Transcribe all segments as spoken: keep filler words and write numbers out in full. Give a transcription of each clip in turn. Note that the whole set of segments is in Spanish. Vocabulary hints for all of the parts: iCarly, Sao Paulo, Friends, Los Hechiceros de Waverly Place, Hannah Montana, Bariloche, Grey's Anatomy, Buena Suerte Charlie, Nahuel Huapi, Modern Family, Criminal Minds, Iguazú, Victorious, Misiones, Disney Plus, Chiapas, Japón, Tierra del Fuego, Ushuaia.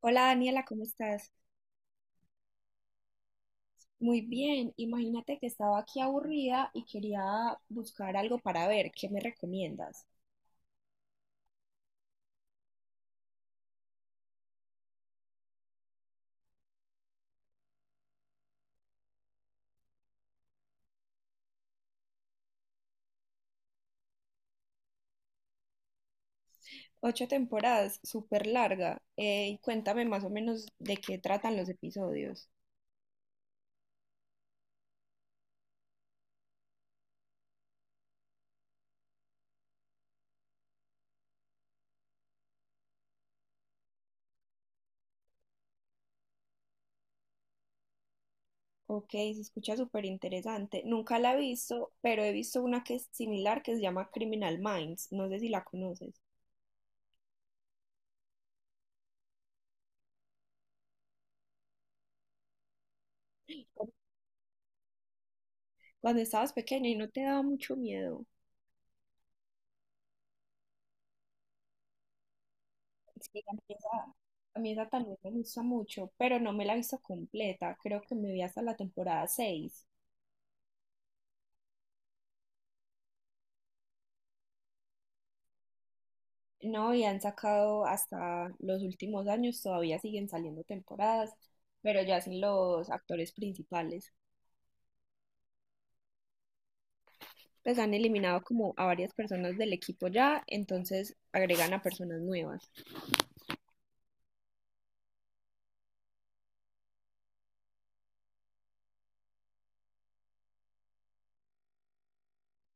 Hola Daniela, ¿cómo estás? Muy bien, imagínate que estaba aquí aburrida y quería buscar algo para ver, ¿qué me recomiendas? Ocho temporadas, súper larga, eh, y cuéntame más o menos de qué tratan los episodios. Ok, se escucha súper interesante. Nunca la he visto, pero he visto una que es similar que se llama Criminal Minds, no sé si la conoces. Cuando estabas pequeña y no te daba mucho miedo. Sí, a mí esa, a mí esa también me gusta mucho, pero no me la he visto completa. Creo que me vi hasta la temporada seis. No, y han sacado hasta los últimos años, todavía siguen saliendo temporadas, pero ya sin los actores principales. Pues han eliminado como a varias personas del equipo ya, entonces agregan a personas nuevas.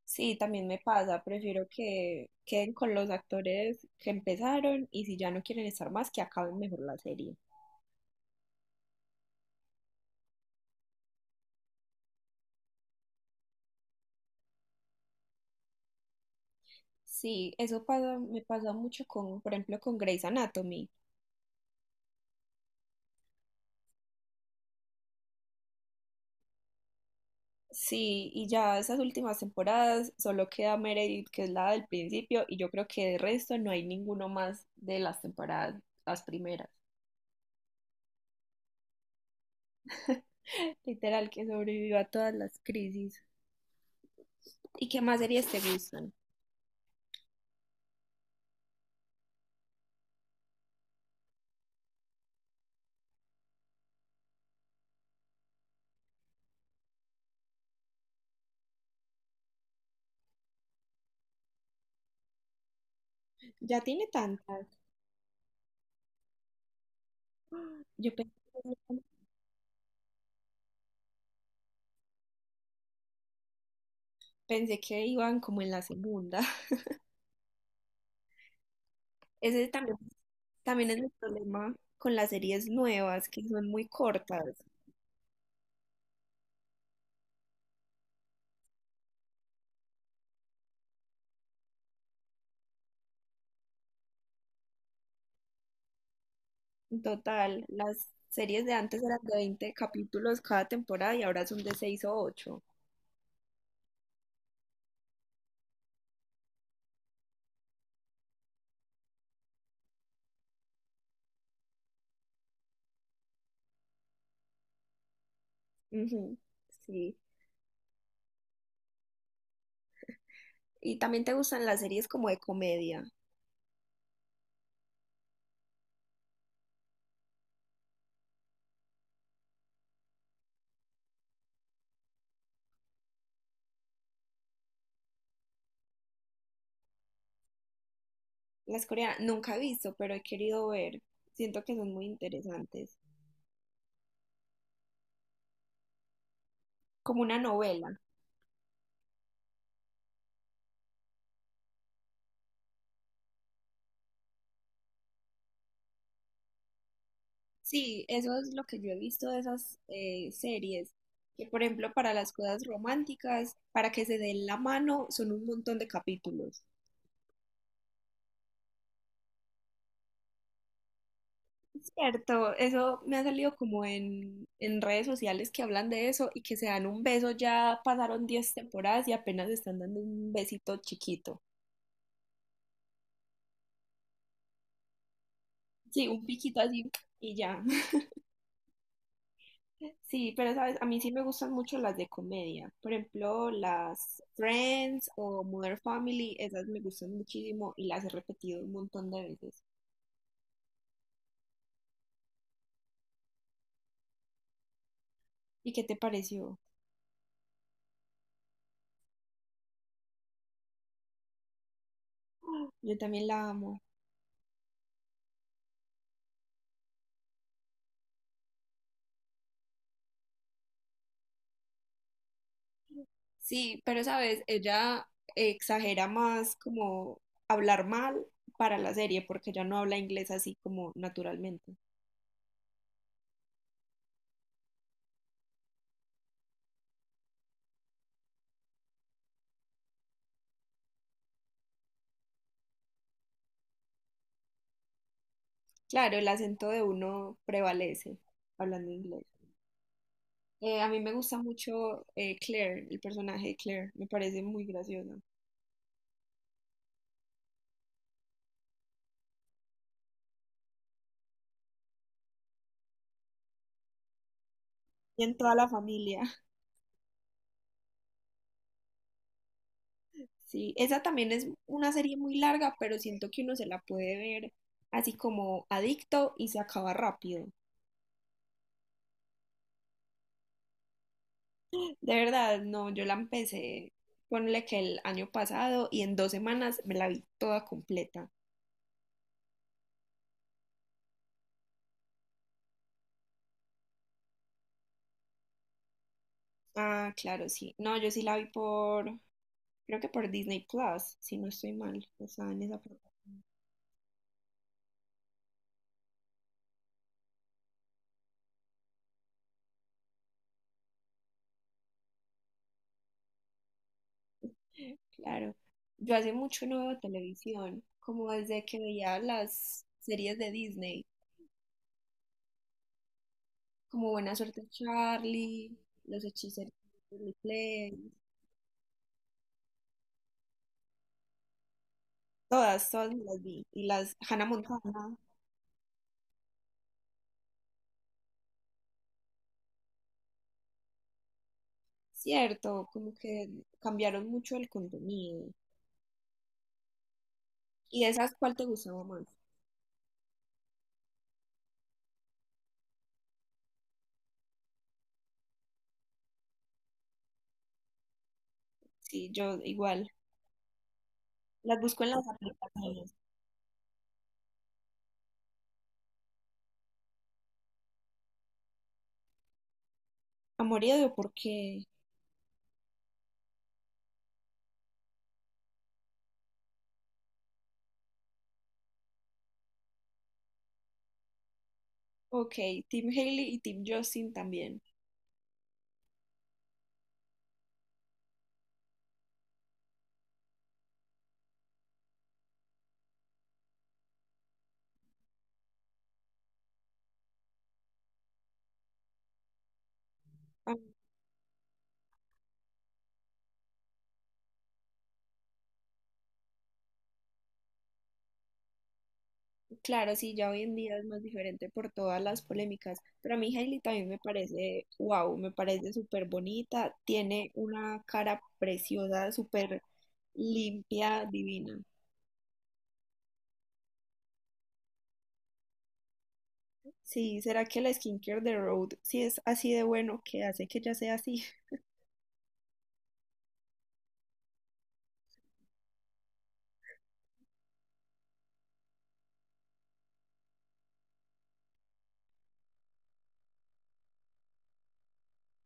Sí, también me pasa, prefiero que queden con los actores que empezaron y si ya no quieren estar más, que acaben mejor la serie. Sí, eso pasa, me pasa mucho con, por ejemplo, con Grey's Anatomy. Sí, y ya esas últimas temporadas solo queda Meredith, que es la del principio, y yo creo que de resto no hay ninguno más de las temporadas, las primeras. Literal, que sobrevivió a todas las crisis. ¿Y qué más series te gustan? Ya tiene tantas. Yo pensé, pensé que iban como en la segunda. Ese también, también es el problema con las series nuevas, que son muy cortas. Total, las series de antes eran de veinte capítulos cada temporada y ahora son de seis o ocho. Ujú. Sí. ¿Y también te gustan las series como de comedia? Las coreanas nunca he visto, pero he querido ver. Siento que son muy interesantes. Como una novela. Sí, eso es lo que yo he visto de esas eh, series. Que, por ejemplo, para las cosas románticas, para que se den la mano, son un montón de capítulos. Cierto, eso me ha salido como en, en redes sociales que hablan de eso y que se dan un beso, ya pasaron diez temporadas y apenas están dando un besito chiquito. Sí, un piquito así y ya. Sí, pero sabes, a mí sí me gustan mucho las de comedia. Por ejemplo, las Friends o Modern Family, esas me gustan muchísimo y las he repetido un montón de veces. ¿Y qué te pareció? Yo también la amo. Sí, pero sabes, ella exagera más como hablar mal para la serie porque ella no habla inglés así como naturalmente. Claro, el acento de uno prevalece hablando inglés. Eh, a mí me gusta mucho eh, Claire, el personaje de Claire, me parece muy gracioso. Y en toda la familia. Sí, esa también es una serie muy larga, pero siento que uno se la puede ver así como adicto y se acaba rápido. De verdad, no, yo la empecé, ponle que el año pasado y en dos semanas me la vi toda completa. Ah, claro, sí. No, yo sí la vi por, creo que por Disney Plus, si no estoy mal, estaba en esa plataforma. Claro. Yo hace mucho no veo televisión, como desde que veía las series de Disney, como Buena Suerte Charlie, Los Hechiceros de Waverly Place, todas, todas me las vi, y las Hannah Montana. Cierto, como que cambiaron mucho el contenido. ¿Y de esas cuál te gustaba más? Sí, yo igual. Las busco en las aplicaciones. A morir de por qué. Ok, Team Hailey y Team Justin también. Ah, claro, sí, ya hoy en día es más diferente por todas las polémicas. Pero a mí Hailey también me parece, wow, me parece súper bonita. Tiene una cara preciosa, súper limpia, divina. Sí, ¿será que la skincare de Road sí es así de bueno que hace que ella sea así?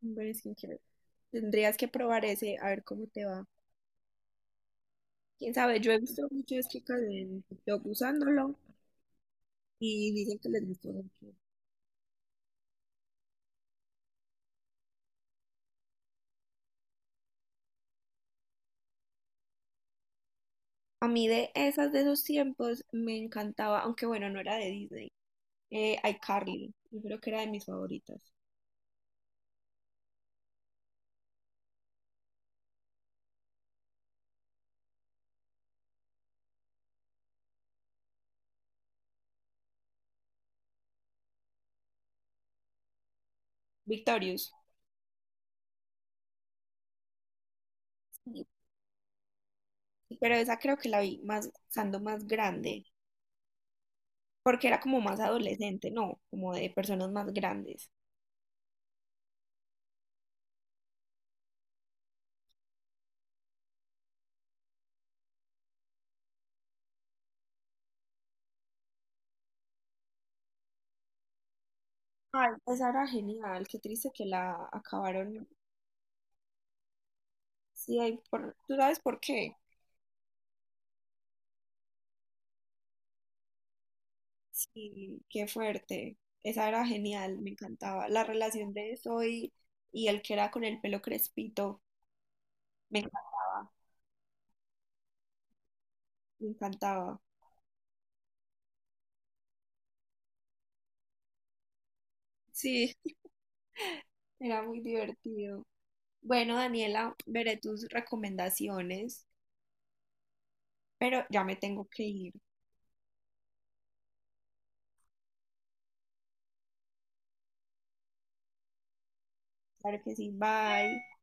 Un buen skincare. Tendrías que probar ese, a ver cómo te va. Quién sabe, yo he visto muchas chicas en TikTok usándolo y dicen que les gustó mucho. A mí de esas de esos tiempos me encantaba, aunque bueno, no era de Disney. Eh, iCarly, yo creo que era de mis favoritas. Victorious. Sí, pero esa creo que la vi más, estando más grande, porque era como más adolescente, no, como de personas más grandes. Ay, esa era genial, qué triste que la acabaron. Sí, ahí por, ¿tú sabes por qué? Sí, qué fuerte. Esa era genial, me encantaba. La relación de Zoe y el que era con el pelo crespito, me encantaba, me encantaba. Sí, era muy divertido. Bueno, Daniela, veré tus recomendaciones, pero ya me tengo que ir. Claro que sí, bye.